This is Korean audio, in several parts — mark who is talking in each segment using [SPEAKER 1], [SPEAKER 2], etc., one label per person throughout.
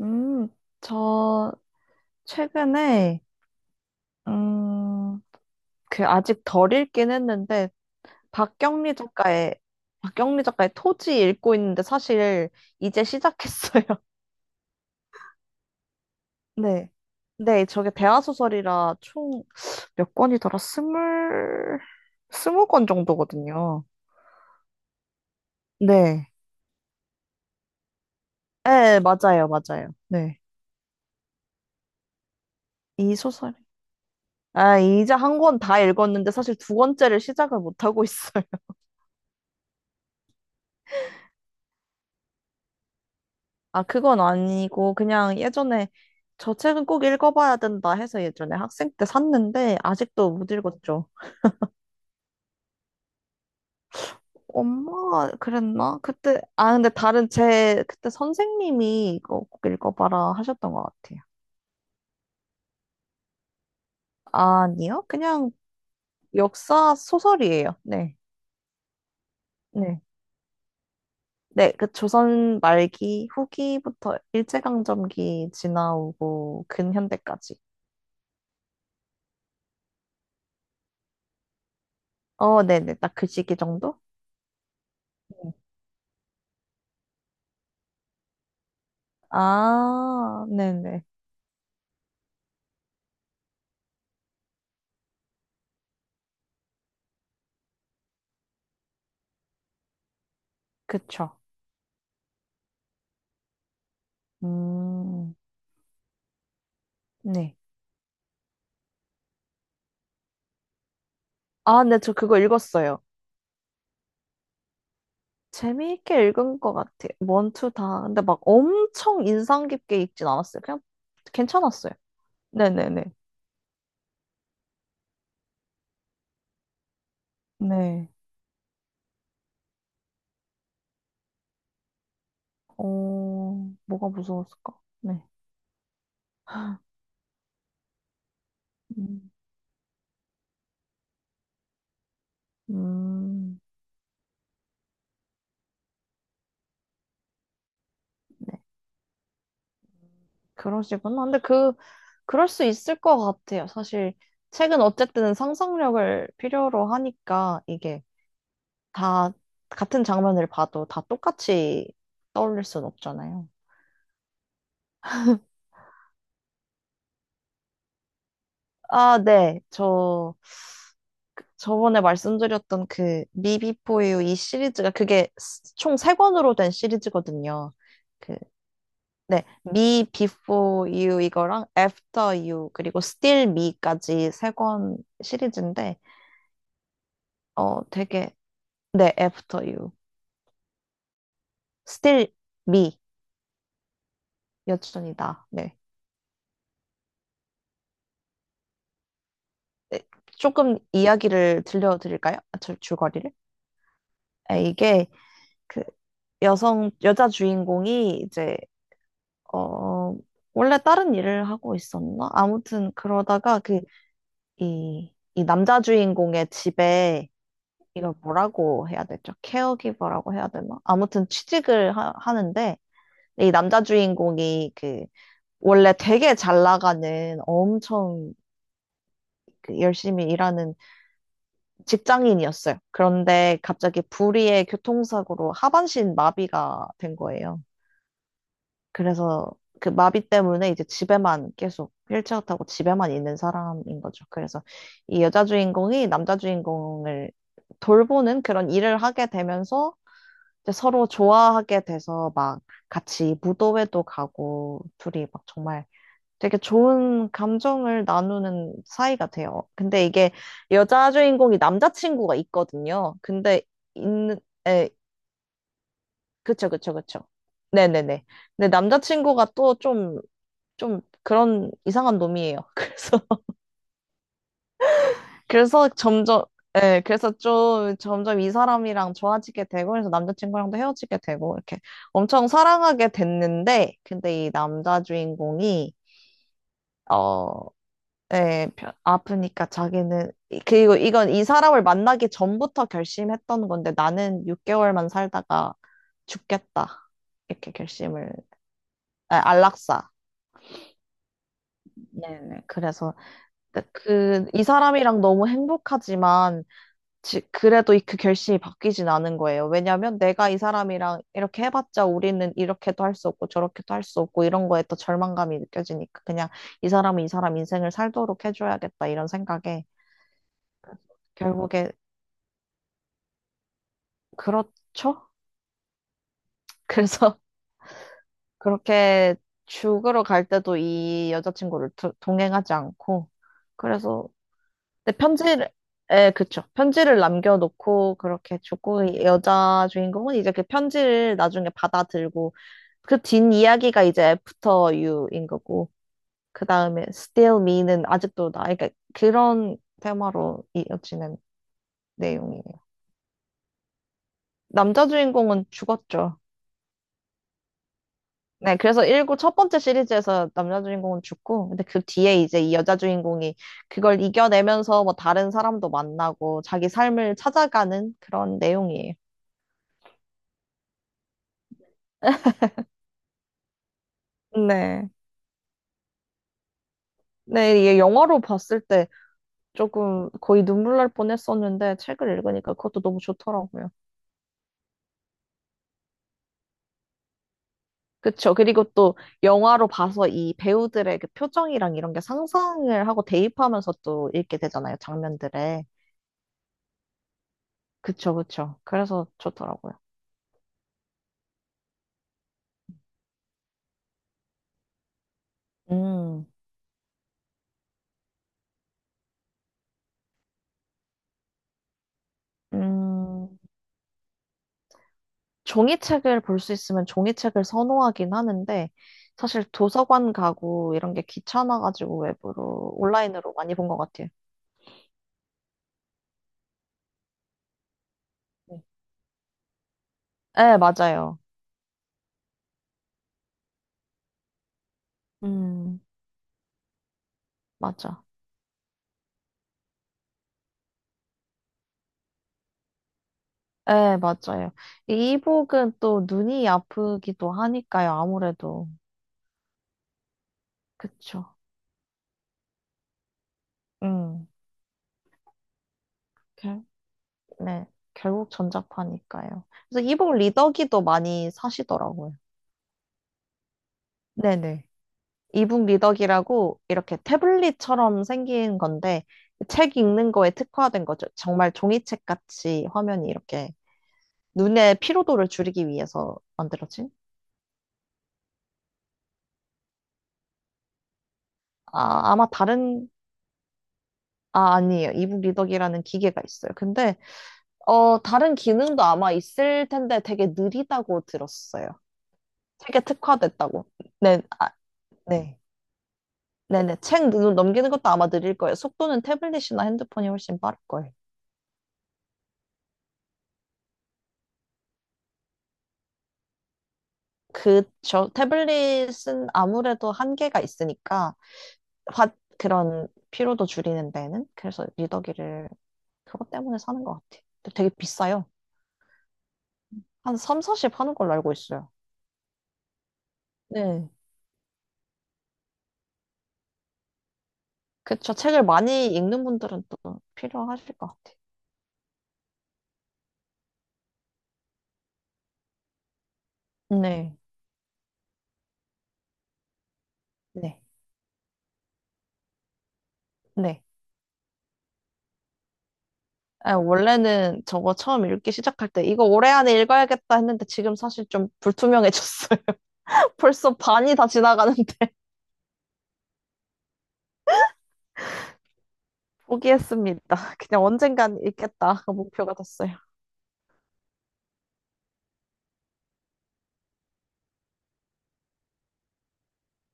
[SPEAKER 1] 음, 저 최근에 음, 그 아직 덜 읽긴 했는데 박경리 작가의 박경리 작가의 토지 읽고 있는데 사실 이제 시작했어요. 네. 네, 저게 대하소설이라 총 몇 권이더라? 스물 스무 권 정도거든요. 네. 네, 맞아요, 맞아요. 네. 이 소설이. 아, 이제 한 권 다 읽었는데 사실 두 권째를 시작을 못 하고 있어요. 아, 그건 아니고, 그냥 예전에 저 책은 꼭 읽어봐야 된다 해서 예전에 학생 때 샀는데, 아직도 못 읽었죠. 엄마가 그랬나? 그때, 아, 근데 다른 제, 그때 선생님이 이거 꼭 읽어봐라 하셨던 것 같아요. 아니요? 그냥 역사 소설이에요. 네. 네. 네, 그 조선 말기 후기부터 일제강점기 지나오고 근현대까지. 어, 네네. 딱 그 시기 정도? 네. 아, 네네. 그쵸. 음, 네. 아, 네, 저 그거 읽었어요. 재미있게 읽은 것 같아요. 원투 다. 근데 막 엄청 인상 깊게 읽진 않았어요. 그냥 괜찮았어요. 네네네. 네. 어, 뭐가 무서웠을까? 네. 음, 음, 네. 그러시구나. 근데 그, 그럴 수 있을 것 같아요. 사실, 책은 어쨌든 상상력을 필요로 하니까 이게 다 같은 장면을 봐도 다 똑같이 떠올릴 순 없잖아요. 아, 네. 저 저번에 말씀드렸던 그 미비포유 이 시리즈가 그게 총 세 권으로 된 시리즈거든요. 그 네. 미 비포 유 이거랑 애프터 유 그리고 스틸 미까지 세 권 시리즈인데 어 되게 네, 애프터 유. 스틸 미 여전이다. 네. 네, 조금 이야기를 들려드릴까요? 아, 줄거리를? 아, 이게 그 여성 여자 주인공이 이제 어, 원래 다른 일을 하고 있었나? 아무튼 그러다가 그, 이 남자 주인공의 집에 이걸 뭐라고 해야 되죠? 케어기버라고 해야 되나? 아무튼 취직을 하는데 이 남자 주인공이 그 원래 되게 잘 나가는 엄청 그 열심히 일하는 직장인이었어요. 그런데 갑자기 불의의 교통사고로 하반신 마비가 된 거예요. 그래서 그 마비 때문에 이제 집에만 계속 휠체어 타고 집에만 있는 사람인 거죠. 그래서 이 여자 주인공이 남자 주인공을 돌보는 그런 일을 하게 되면서 이제 서로 좋아하게 돼서 막 같이 무도회도 가고 둘이 막 정말 되게 좋은 감정을 나누는 사이가 돼요. 근데 이게 여자 주인공이 남자친구가 있거든요. 근데 있는, 에, 그쵸, 그쵸, 그쵸. 네네네. 근데 남자친구가 또좀 좀 그런 이상한 놈이에요. 그래서 그래서 점점 예, 그래서 좀 점점 이 사람이랑 좋아지게 되고 그래서 남자친구랑도 헤어지게 되고 이렇게 엄청 사랑하게 됐는데 근데 이 남자 주인공이 어 예, 아프니까 자기는 그리고 이건 이 사람을 만나기 전부터 결심했던 건데 나는 6개월만 살다가 죽겠다. 이렇게 결심을 아, 안락사. 네네. 그래서 그 이 사람이랑 너무 행복하지만 그래도 그 결심이 바뀌진 않은 거예요. 왜냐면 내가 이 사람이랑 이렇게 해봤자 우리는 이렇게도 할 수 없고 저렇게도 할 수 없고 이런 거에 또 절망감이 느껴지니까 그냥 이 사람은 이 사람 인생을 살도록 해줘야겠다 이런 생각에 결국에 그렇죠? 그래서 그렇게 죽으러 갈 때도 이 여자친구를 동행하지 않고 그래서 근데 편지를 예, 그쵸. 편지를 남겨놓고 그렇게 죽고 이 여자 주인공은 이제 그 편지를 나중에 받아들고 그 뒷이야기가 이제 After You인 거고, 그 다음에 Still Me는 아직도 나, 그러니까 그런 테마로 이어지는 내용이에요. 남자 주인공은 죽었죠. 네, 그래서 일구 첫 번째 시리즈에서 남자 주인공은 죽고, 근데 그 뒤에 이제 이 여자 주인공이 그걸 이겨내면서 뭐 다른 사람도 만나고 자기 삶을 찾아가는 그런 내용이에요. 네. 네, 이게 영화로 봤을 때 조금 거의 눈물 날 뻔했었는데 책을 읽으니까 그것도 너무 좋더라고요. 그쵸. 그리고 또 영화로 봐서 이 배우들의 그 표정이랑 이런 게 상상을 하고 대입하면서 또 읽게 되잖아요. 장면들에. 그쵸, 그쵸. 그래서 좋더라고요. 음, 음, 종이책을 볼 수 있으면 종이책을 선호하긴 하는데, 사실 도서관 가고 이런 게 귀찮아가지고 웹으로, 온라인으로 많이 본 것 같아요. 음. 네, 맞아요. 음, 맞아. 네, 맞아요. 이 이북은 또 눈이 아프기도 하니까요, 아무래도. 그쵸. 음, 결, 네, 결국 전자파니까요. 그래서 이북 리더기도 많이 사시더라고요. 네네. 이북 리더기라고 이렇게 태블릿처럼 생긴 건데 책 읽는 거에 특화된 거죠. 정말 종이책 같이 화면이 이렇게 눈의 피로도를 줄이기 위해서 만들어진? 아, 아마 다른 아, 아니에요. 이북 리더기라는 기계가 있어요. 근데 어, 다른 기능도 아마 있을 텐데 되게 느리다고 들었어요. 책에 특화됐다고. 네, 아, 네. 네네. 책 넘기는 것도 아마 느릴 거예요. 속도는 태블릿이나 핸드폰이 훨씬 빠를 거예요. 그저 태블릿은 아무래도 한계가 있으니까, 화- 그런 피로도 줄이는 데는. 그래서 리더기를 그것 때문에 사는 것 같아요. 근데 되게 비싸요. 한 3, 40 하는 걸로 알고 있어요. 네. 그쵸. 책을 많이 읽는 분들은 또 필요하실 것 같아요. 네. 네. 네. 아, 원래는 저거 처음 읽기 시작할 때, 이거 올해 안에 읽어야겠다 했는데 지금 사실 좀 불투명해졌어요. 벌써 반이 다 지나가는데 포기했습니다. 그냥 언젠간 읽겠다. 그 목표가 됐어요.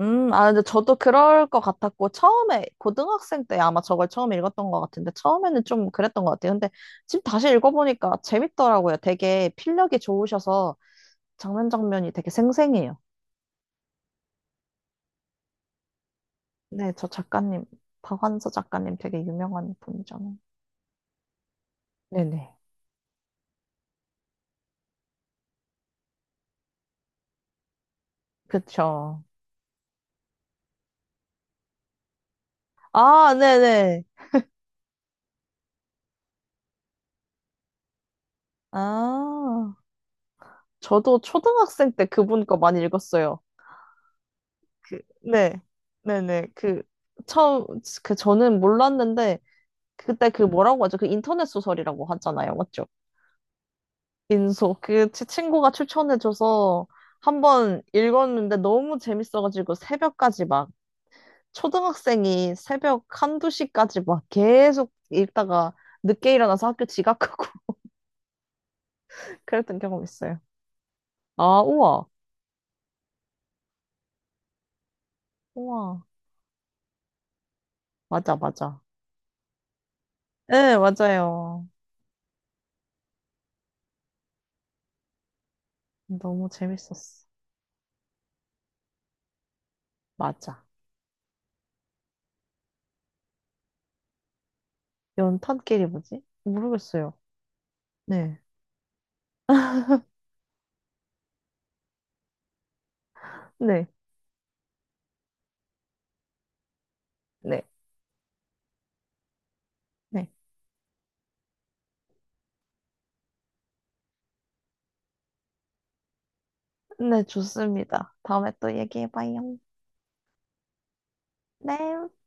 [SPEAKER 1] 아, 근데 저도 그럴 것 같았고, 처음에, 고등학생 때 아마 저걸 처음 읽었던 것 같은데, 처음에는 좀 그랬던 것 같아요. 근데 지금 다시 읽어보니까 재밌더라고요. 되게 필력이 좋으셔서 장면 장면이 되게 생생해요. 네, 저 작가님, 박완서 작가님 되게 유명한 분이잖아요. 네네. 그쵸. 아, 네네. 아, 저도 초등학생 때 그분 거 많이 읽었어요. 그, 네, 네네. 그, 처음, 그, 저는 몰랐는데, 그때 그 뭐라고 하죠? 그 인터넷 소설이라고 하잖아요. 맞죠? 민소. 그, 제 친구가 추천해줘서 한번 읽었는데 너무 재밌어가지고 새벽까지 막, 초등학생이 새벽 한두 시까지 막 계속 읽다가 늦게 일어나서 학교 지각하고 그랬던 경험 있어요. 아, 우와. 우와. 맞아, 맞아. 네, 맞아요. 너무 재밌었어. 맞아. 연탄끼리 뭐지? 모르겠어요. 네. 네. 네. 네. 네, 좋습니다. 다음에 또 얘기해봐요. 네.